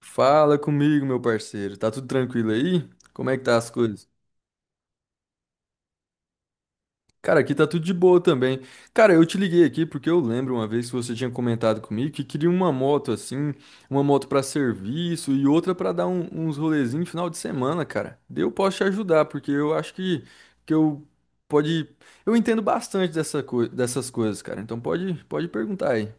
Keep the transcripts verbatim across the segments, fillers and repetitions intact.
Fala comigo, meu parceiro. Tá tudo tranquilo aí? Como é que tá as coisas? Cara, aqui tá tudo de boa também. Cara, eu te liguei aqui porque eu lembro uma vez que você tinha comentado comigo que queria uma moto assim, uma moto pra serviço e outra pra dar um- uns rolezinhos final de semana, cara. Daí eu posso te ajudar porque eu acho que que eu pode, eu entendo bastante dessa coi- dessas coisas, cara. Então pode pode perguntar aí.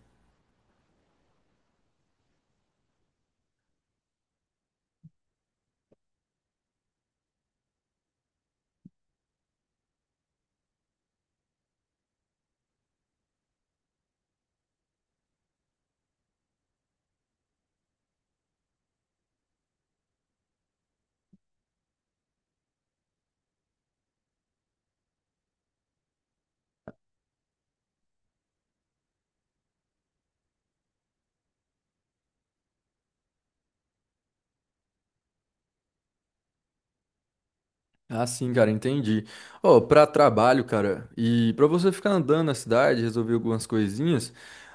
Ah, sim, cara, entendi. Ó, pra trabalho, cara, e pra você ficar andando na cidade, resolver algumas coisinhas,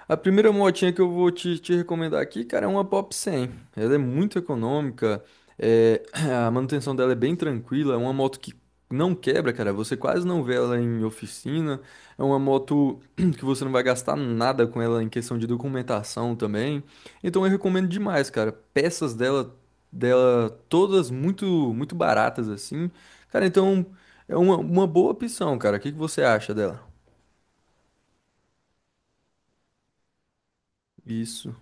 a primeira motinha que eu vou te, te recomendar aqui, cara, é uma Pop cem. Ela é muito econômica, é, a manutenção dela é bem tranquila, é uma moto que não quebra, cara, você quase não vê ela em oficina, é uma moto que você não vai gastar nada com ela em questão de documentação também. Então eu recomendo demais, cara. Peças dela dela, todas muito muito baratas assim. Cara, então é uma, uma boa opção, cara. O que que você acha dela? Isso.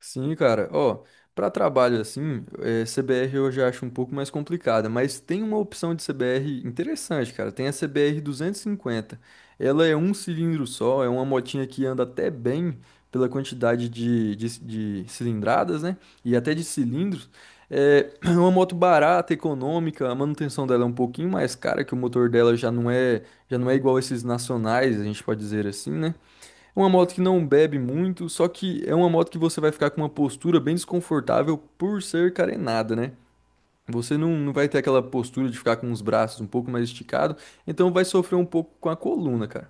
Sim, cara. Ó, para trabalho assim, eh, C B R eu já acho um pouco mais complicada, mas tem uma opção de C B R interessante, cara. Tem a C B R duzentos e cinquenta. Ela é um cilindro só, é uma motinha que anda até bem pela quantidade de, de, de cilindradas, né? E até de cilindros. É uma moto barata, econômica, a manutenção dela é um pouquinho mais cara, que o motor dela já não é, já não é igual esses nacionais, a gente pode dizer assim, né? É uma moto que não bebe muito, só que é uma moto que você vai ficar com uma postura bem desconfortável por ser carenada, né? Você não, não vai ter aquela postura de ficar com os braços um pouco mais esticado, então vai sofrer um pouco com a coluna, cara.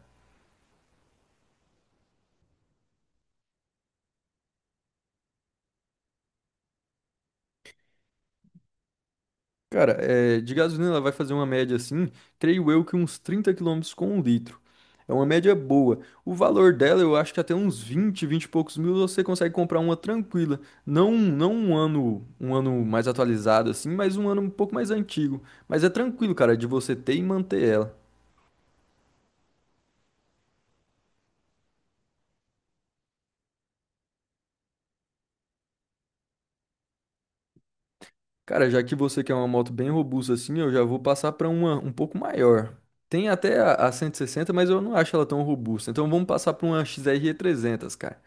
Cara, é, de gasolina ela vai fazer uma média assim, creio eu que uns trinta quilômetros com um litro. É uma média boa. O valor dela, eu acho que até uns vinte, vinte e poucos mil você consegue comprar uma tranquila. Não, não um ano, um ano, mais atualizado assim, mas um ano um pouco mais antigo. Mas é tranquilo, cara, de você ter e manter ela. Cara, já que você quer uma moto bem robusta assim, eu já vou passar para uma um pouco maior. Tem até a, a cento e sessenta, mas eu não acho ela tão robusta. Então vamos passar para uma X R trezentos, cara.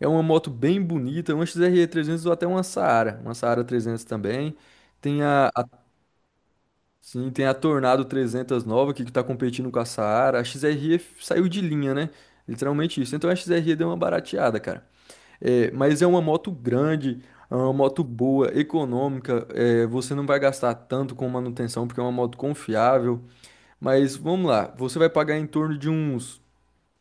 É uma moto bem bonita, uma X R trezentos ou até uma Saara, uma Saara trezentos também. Tem a, a- sim, tem a Tornado trezentos nova que está competindo com a Saara. A X R E saiu de linha, né? Literalmente isso. Então a X R E deu uma barateada, cara. É, mas é uma moto grande, é uma moto boa, econômica. é, você não vai gastar tanto com manutenção porque é uma moto confiável. Mas vamos lá, você vai pagar em torno de uns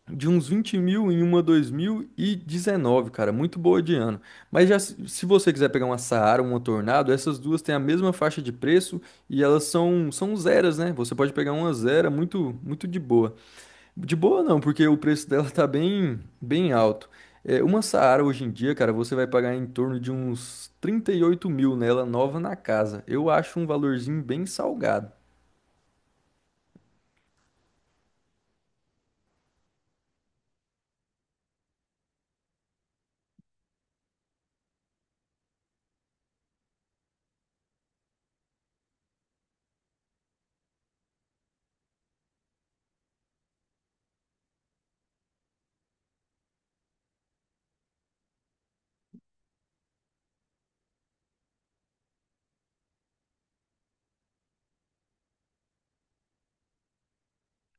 de uns vinte mil em uma dois mil e dezenove, cara, muito boa de ano. Mas já se se você quiser pegar uma Saara, uma Tornado, essas duas têm a mesma faixa de preço e elas são são zeras, né? Você pode pegar uma zera muito muito de boa. De boa não, porque o preço dela tá bem, bem alto. É, uma Saara hoje em dia, cara, você vai pagar em torno de uns trinta e oito mil nela, nova na casa. Eu acho um valorzinho bem salgado.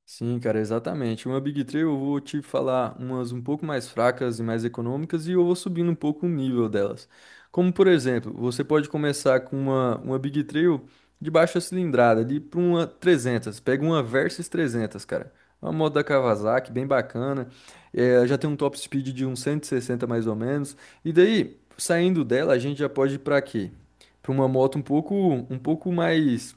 Sim, cara, exatamente. Uma Big Three eu vou te falar umas um pouco mais fracas e mais econômicas e eu vou subindo um pouco o nível delas. Como, por exemplo, você pode começar com uma, uma Big Three de baixa cilindrada, ali para uma trezentas. Pega uma Versys trezentos, cara. Uma moto da Kawasaki, bem bacana. É, já tem um top speed de uns cento e sessenta mais ou menos. E daí, saindo dela, a gente já pode ir para quê? Para uma moto um pouco, um pouco mais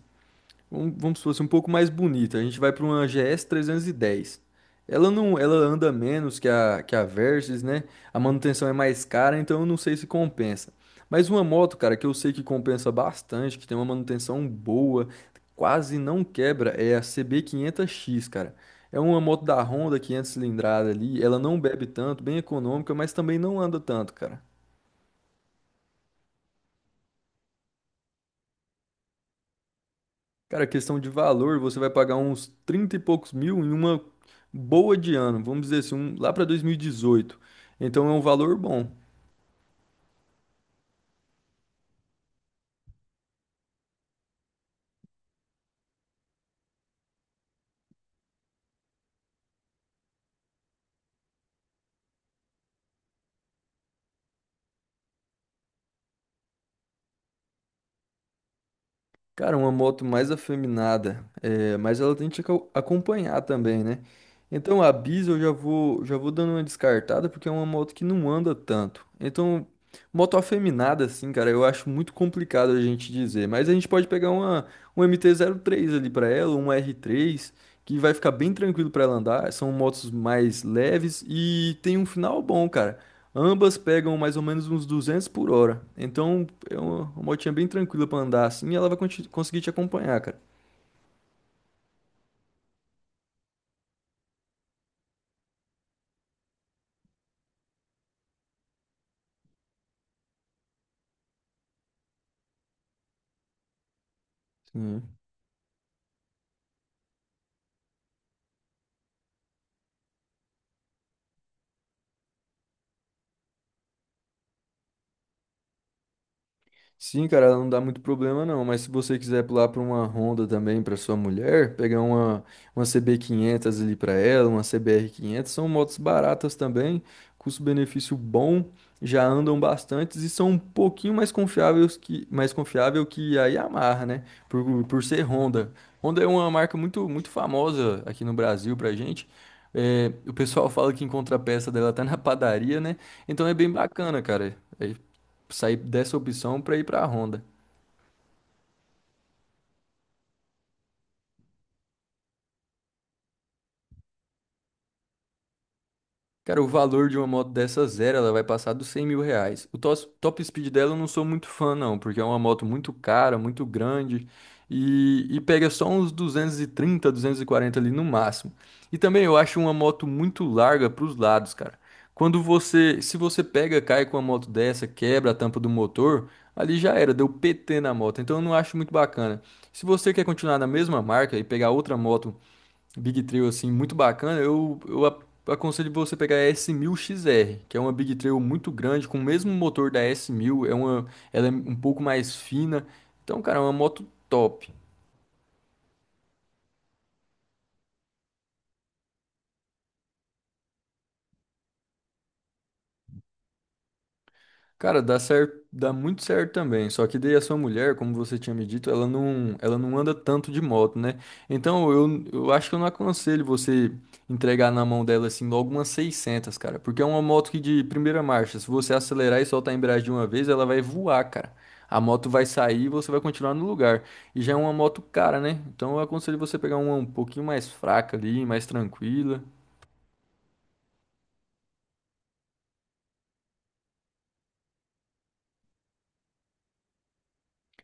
vamos, vamos supor assim, um pouco mais bonita. A gente vai para uma G S trezentos e dez. Ela não, ela anda menos que a, que a Versys, né? A manutenção é mais cara, então eu não sei se compensa. Mas uma moto, cara, que eu sei que compensa bastante, que tem uma manutenção boa, quase não quebra, é a C B quinhentos X, cara. É uma moto da Honda quinhentos cilindrada ali, ela não bebe tanto, bem econômica, mas também não anda tanto, cara. Cara, questão de valor, você vai pagar uns trinta e poucos mil em uma boa de ano, vamos dizer assim, um- lá para dois mil e dezoito. Então é um valor bom. Cara, uma moto mais afeminada, é, mas ela tem que aco- acompanhar também, né? Então a Biz eu já vou, já vou dando uma descartada porque é uma moto que não anda tanto. Então, moto afeminada, assim, cara, eu acho muito complicado a gente dizer. Mas a gente pode pegar uma, um MT três ali pra ela, uma R três que vai ficar bem tranquilo pra ela andar. São motos mais leves e tem um final bom, cara. Ambas pegam mais ou menos uns duzentos por hora. Então é uma, uma motinha bem tranquila pra andar assim e ela vai conti- conseguir te acompanhar, cara. Sim, cara, ela não dá muito problema não, mas se você quiser pular para uma Honda também para sua mulher, pegar uma, uma C B quinhentos ali para ela, uma C B R quinhentos, são motos baratas também, custo-benefício bom, já andam bastantes e são um pouquinho mais confiáveis que mais confiável que a Yamaha, né? Por, por ser Honda. Honda é uma marca muito muito famosa aqui no Brasil pra gente. É, o pessoal fala que encontra a peça dela até na padaria, né? Então é bem bacana, cara. É, sair dessa opção para ir para a Honda. Cara, o valor de uma moto dessa zero, ela vai passar dos cem mil reais. O tos- top speed dela eu não sou muito fã, não, porque é uma moto muito cara, muito grande e, e pega só uns duzentos duzentos e trinta duzentos e quarenta ali no máximo. E também eu acho uma moto muito larga para os lados, cara. Quando você, se você pega, cai com uma moto dessa, quebra a tampa do motor, ali já era, deu P T na moto. Então eu não acho muito bacana. Se você quer continuar na mesma marca e pegar outra moto Big Trail assim muito bacana, eu, eu a- aconselho você pegar a S mil X R, que é uma Big Trail muito grande, com o mesmo motor da S mil, é uma, ela é um pouco mais fina. Então, cara, é uma moto top. Cara, dá certo, dá muito certo também. Só que daí a sua mulher, como você tinha me dito, ela não, ela não anda tanto de moto, né? Então eu, eu acho que eu não aconselho você entregar na mão dela assim logo umas seiscentas, cara, porque é uma moto que de primeira marcha, se você acelerar e soltar a embreagem de uma vez, ela vai voar, cara. A moto vai sair e você vai continuar no lugar. E já é uma moto cara, né? Então eu aconselho você pegar uma um pouquinho mais fraca ali, mais tranquila.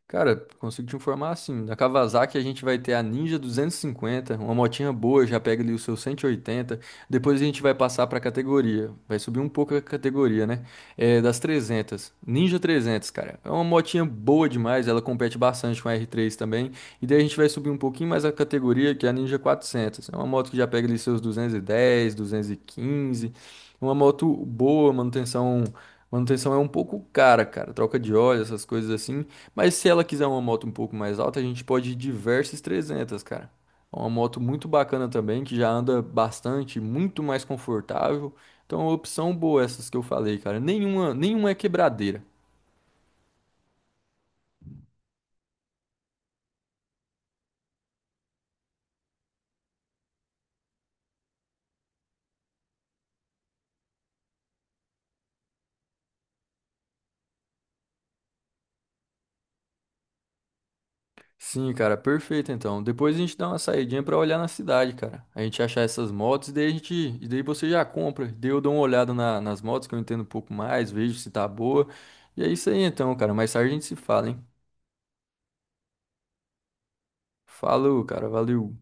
Cara, consigo te informar assim, da Kawasaki a gente vai ter a Ninja duzentos e cinquenta, uma motinha boa, já pega ali o seu cento e oitenta, depois a gente vai passar para a categoria, vai subir um pouco a categoria, né? É, das trezentas, Ninja trezentos, cara, é uma motinha boa demais, ela compete bastante com a R três também, e daí a gente vai subir um pouquinho mais a categoria, que é a Ninja quatrocentos, é uma moto que já pega ali seus duzentos e dez, duzentos e quinze, uma moto boa, manutenção... Manutenção é um pouco cara, cara. Troca de óleo, essas coisas assim. Mas se ela quiser uma moto um pouco mais alta, a gente pode ir de Versys trezentos, cara. É uma moto muito bacana também, que já anda bastante, muito mais confortável. Então, é uma opção boa essas que eu falei, cara. Nenhuma, nenhuma é quebradeira. Sim, cara, perfeito então. Depois a gente dá uma saidinha pra olhar na cidade, cara. A gente achar essas motos e daí a gente, e daí você já compra. Daí eu dou uma olhada na- nas motos que eu entendo um pouco mais, vejo se tá boa. E é isso aí então, cara. Mais tarde a gente se fala, hein? Falou, cara. Valeu.